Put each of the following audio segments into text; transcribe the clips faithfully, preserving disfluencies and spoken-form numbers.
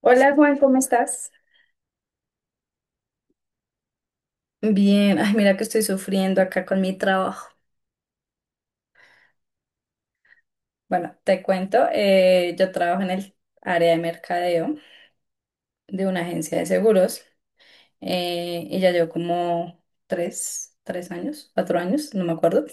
Hola Juan, ¿cómo estás? Bien, ay, mira que estoy sufriendo acá con mi trabajo. Bueno, te cuento, eh, yo trabajo en el área de mercadeo de una agencia de seguros eh, y ya llevo como tres, tres años, cuatro años, no me acuerdo.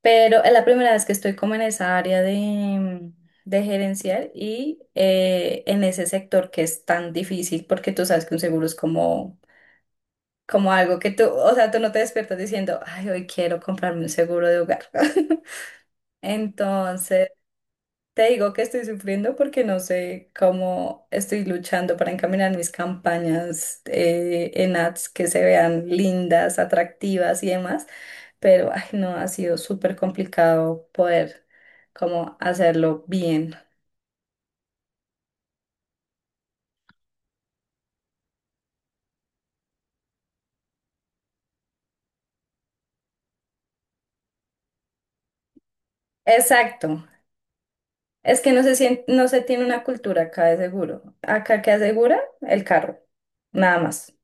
Pero es la primera vez que estoy como en esa área de, de gerencial y eh, en ese sector que es tan difícil porque tú sabes que un seguro es como como algo que tú, o sea, tú no te despiertas diciendo, ay, hoy quiero comprarme un seguro de hogar. Entonces, te digo que estoy sufriendo porque no sé cómo estoy luchando para encaminar mis campañas eh, en ads que se vean lindas, atractivas y demás, pero ay, no, ha sido súper complicado poder como hacerlo bien. Exacto. Es que no se sien- no se tiene una cultura acá de seguro. Acá que asegura el carro, nada más.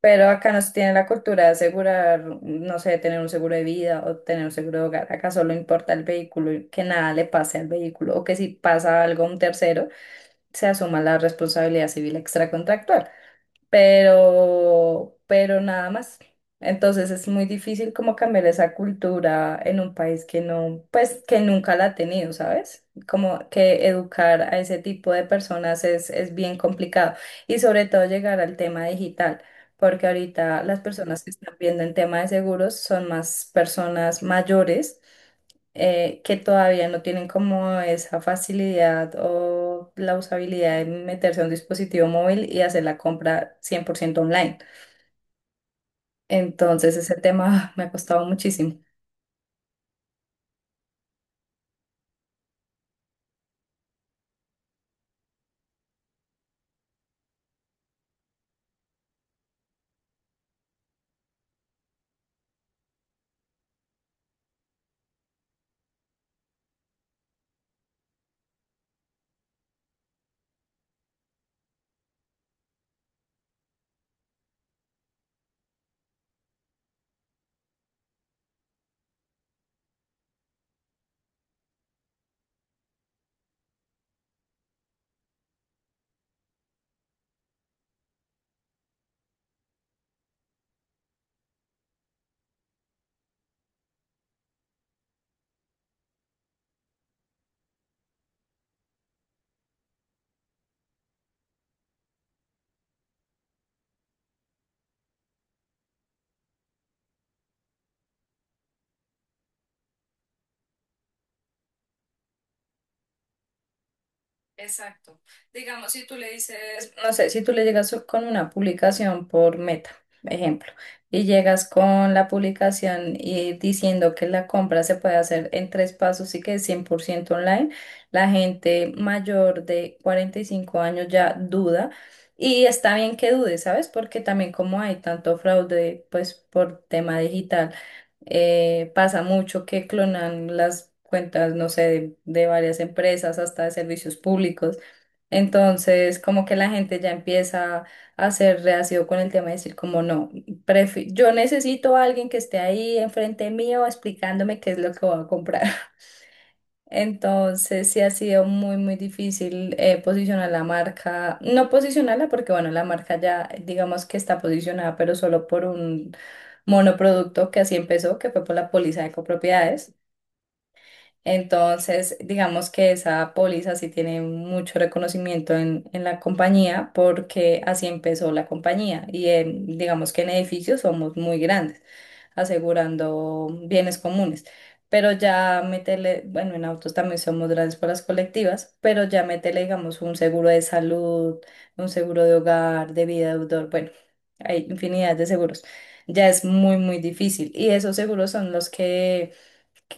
Pero acá no se tiene la cultura de asegurar, no sé, tener un seguro de vida o tener un seguro de hogar. Acá solo importa el vehículo y que nada le pase al vehículo o que si pasa algo a un tercero, se asuma la responsabilidad civil extracontractual pero, pero nada más. Entonces es muy difícil como cambiar esa cultura en un país que no, pues que nunca la ha tenido, ¿sabes? Como que educar a ese tipo de personas es, es bien complicado y sobre todo llegar al tema digital, porque ahorita las personas que están viendo el tema de seguros son más personas mayores eh, que todavía no tienen como esa facilidad o la usabilidad de meterse a un dispositivo móvil y hacer la compra cien por ciento online. Entonces ese tema me ha costado muchísimo. Exacto. Digamos, si tú le dices, no sé, si tú le llegas con una publicación por Meta, ejemplo, y llegas con la publicación y diciendo que la compra se puede hacer en tres pasos y que es cien por ciento online, la gente mayor de cuarenta y cinco años ya duda. Y está bien que dude, ¿sabes? Porque también como hay tanto fraude, pues por tema digital eh, pasa mucho que clonan las cuentas, no sé, de, de, varias empresas, hasta de servicios públicos. Entonces, como que la gente ya empieza a ser reacio con el tema de decir, como no, prefi- yo necesito a alguien que esté ahí enfrente mío explicándome qué es lo que voy a comprar. Entonces sí ha sido muy, muy difícil eh, posicionar la marca, no posicionarla porque bueno, la marca ya digamos que está posicionada, pero solo por un monoproducto que así empezó, que fue por la póliza de copropiedades. Entonces, digamos que esa póliza sí tiene mucho reconocimiento en, en la compañía porque así empezó la compañía y en- digamos que en edificios somos muy grandes, asegurando bienes comunes. Pero ya meterle, bueno, en autos también somos grandes por las colectivas, pero ya meterle, digamos, un seguro de salud, un seguro de hogar, de vida de deudor, bueno, hay infinidad de seguros. Ya es muy, muy difícil. Y esos seguros son los que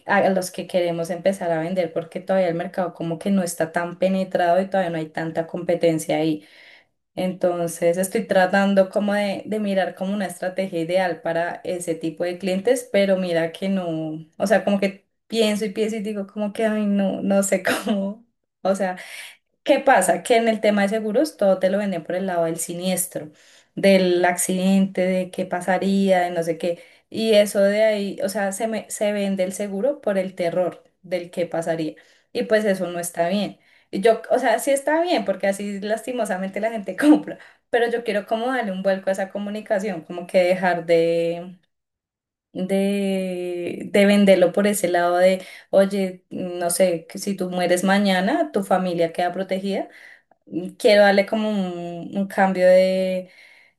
a los que queremos empezar a vender porque todavía el mercado como que no está tan penetrado y todavía no hay tanta competencia ahí. Entonces estoy tratando como de, de, mirar como una estrategia ideal para ese tipo de clientes, pero mira que no, o sea, como que pienso y pienso y digo como que, ay, no, no sé cómo, o sea. ¿Qué pasa? Que en el tema de seguros todo te lo venden por el lado del siniestro, del accidente, de qué pasaría, de no sé qué. Y eso de ahí, o sea, se, me- se vende el seguro por el terror del qué pasaría. Y pues eso no está bien. Y yo, o sea, sí está bien, porque así lastimosamente la gente compra, pero yo quiero como darle un vuelco a esa comunicación, como que dejar de, de, de venderlo por ese lado de, oye, no sé, que si tú mueres mañana, tu familia queda protegida. Quiero darle como un, un cambio de,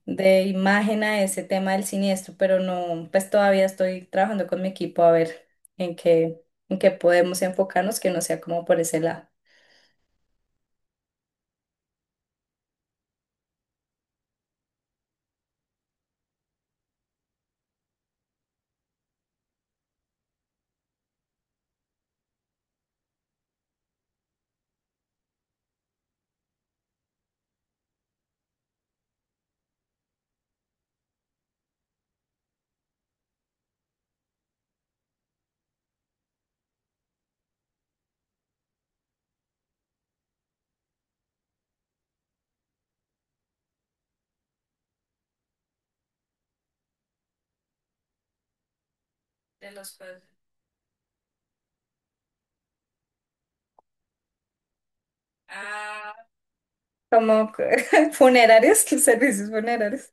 de imagen a ese tema del siniestro, pero no, pues todavía estoy trabajando con mi equipo a ver en qué, en qué podemos enfocarnos, que no sea como por ese lado. De los pues, ah. Como funerarios, que servicios funerarios.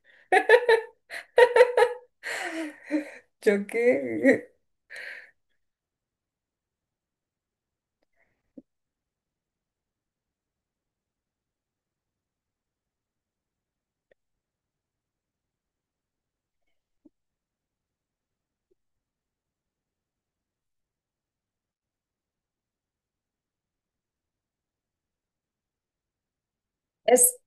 Yo que... Es,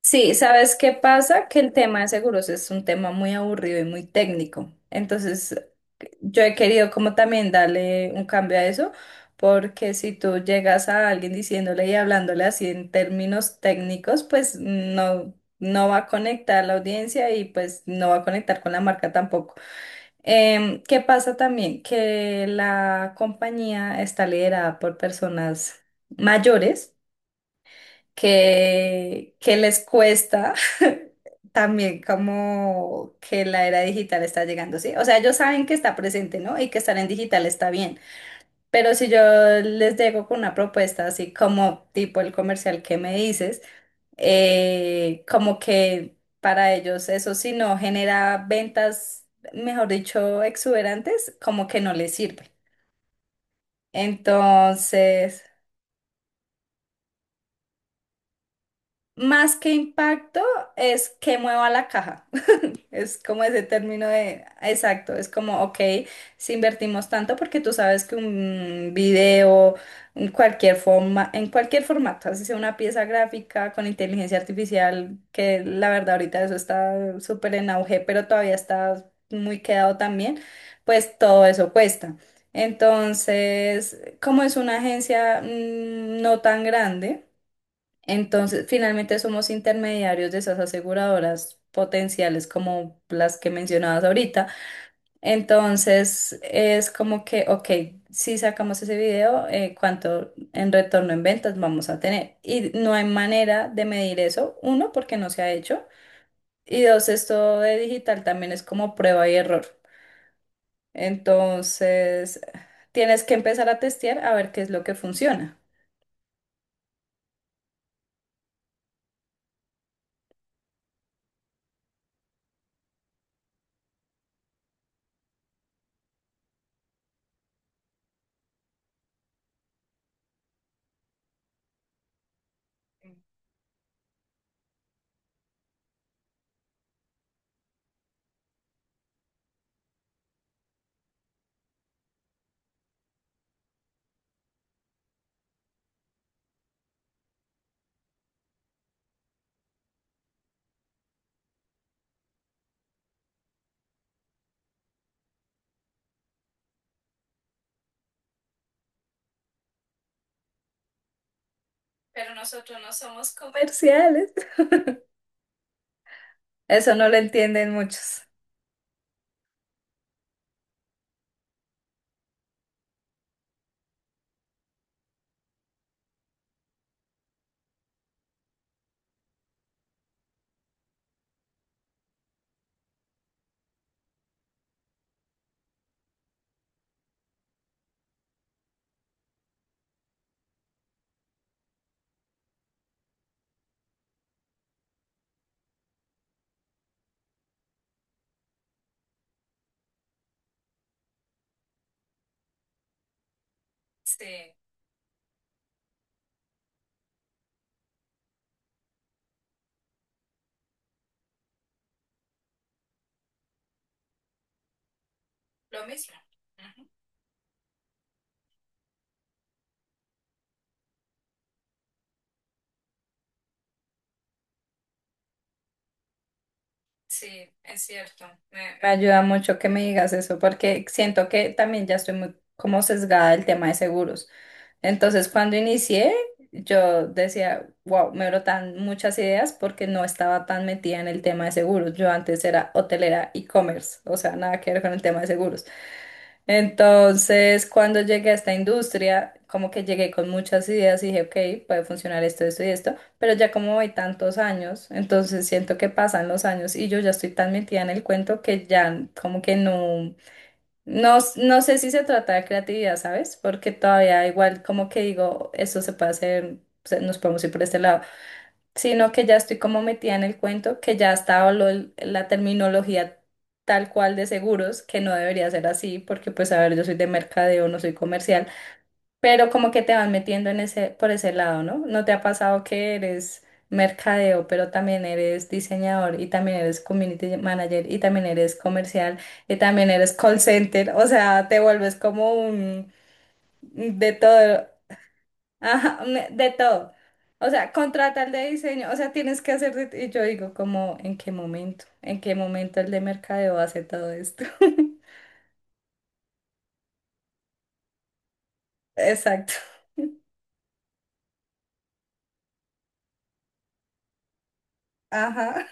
sí, ¿sabes qué pasa? Que el tema de seguros es un tema muy aburrido y muy técnico. Entonces, yo he querido como también darle un cambio a eso, porque si tú llegas a alguien diciéndole y hablándole así en términos técnicos, pues no, no va a conectar la audiencia y pues no va a conectar con la marca tampoco. Em, ¿qué pasa también? Que la compañía está liderada por personas mayores que, que les cuesta también como que la era digital está llegando, ¿sí? O sea, ellos saben que está presente, ¿no? Y que estar en digital está bien. Pero si yo les llego con una propuesta así como tipo el comercial que me dices, eh, como que para ellos eso si no genera ventas, mejor dicho, exuberantes, como que no les sirve. Entonces, más que impacto es que mueva la caja. Sí, es como ese término de, exacto, es como, ok, si invertimos tanto, porque tú sabes que un video, en cualquier forma, en cualquier formato, así sea una pieza gráfica con inteligencia artificial, que la verdad ahorita eso está súper en auge, pero todavía está muy quedado también, pues todo eso cuesta. Entonces, como es una agencia mm, no tan grande, entonces, finalmente somos intermediarios de esas aseguradoras potenciales como las que mencionabas ahorita. Entonces, es como que, ok, si sacamos ese video, eh, ¿cuánto en retorno en ventas vamos a tener? Y no hay manera de medir eso, uno, porque no se ha hecho, y dos, esto de digital también es como prueba y error. Entonces, tienes que empezar a testear a ver qué es lo que funciona. Pero nosotros no somos comerciales. Eso no lo entienden muchos. Sí, lo mismo. Ujú. Sí, es cierto. Me- Me ayuda mucho que me digas eso porque siento que también ya estoy muy como sesgada del tema de seguros. Entonces, cuando inicié, yo decía, wow, me brotan muchas ideas porque no estaba tan metida en el tema de seguros. Yo antes era hotelera e-commerce, o sea, nada que ver con el tema de seguros. Entonces, cuando llegué a esta industria, como que llegué con muchas ideas y dije, ok, puede funcionar esto, esto y esto, pero ya como hay tantos años, entonces siento que pasan los años y yo ya estoy tan metida en el cuento que ya como que no, no, s- no sé si se trata de creatividad, ¿sabes? Porque todavía igual como que digo, esto se puede hacer, se- nos podemos ir por este lado, sino que ya estoy como metida en el cuento, que ya estaba la terminología tal cual de seguros, que no debería ser así, porque pues a ver, yo soy de mercadeo, no soy comercial, pero como que te van metiendo en ese, por ese lado, ¿no? ¿No te ha pasado que eres mercadeo, pero también eres diseñador y también eres community manager y también eres comercial y también eres call center? O sea, te vuelves como un de todo, ajá, un- de todo. O sea, contrata contratar de diseño, o sea, tienes que hacer, de- y yo digo como, ¿en qué momento? ¿En qué momento el de mercadeo hace todo esto? Exacto. Ajá.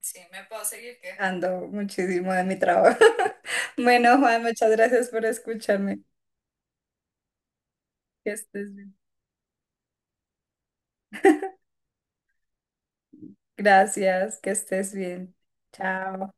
Sí, me puedo seguir quejando muchísimo de mi trabajo. Bueno, Juan, muchas gracias por escucharme. Que estés bien. Gracias, que estés bien. Chao.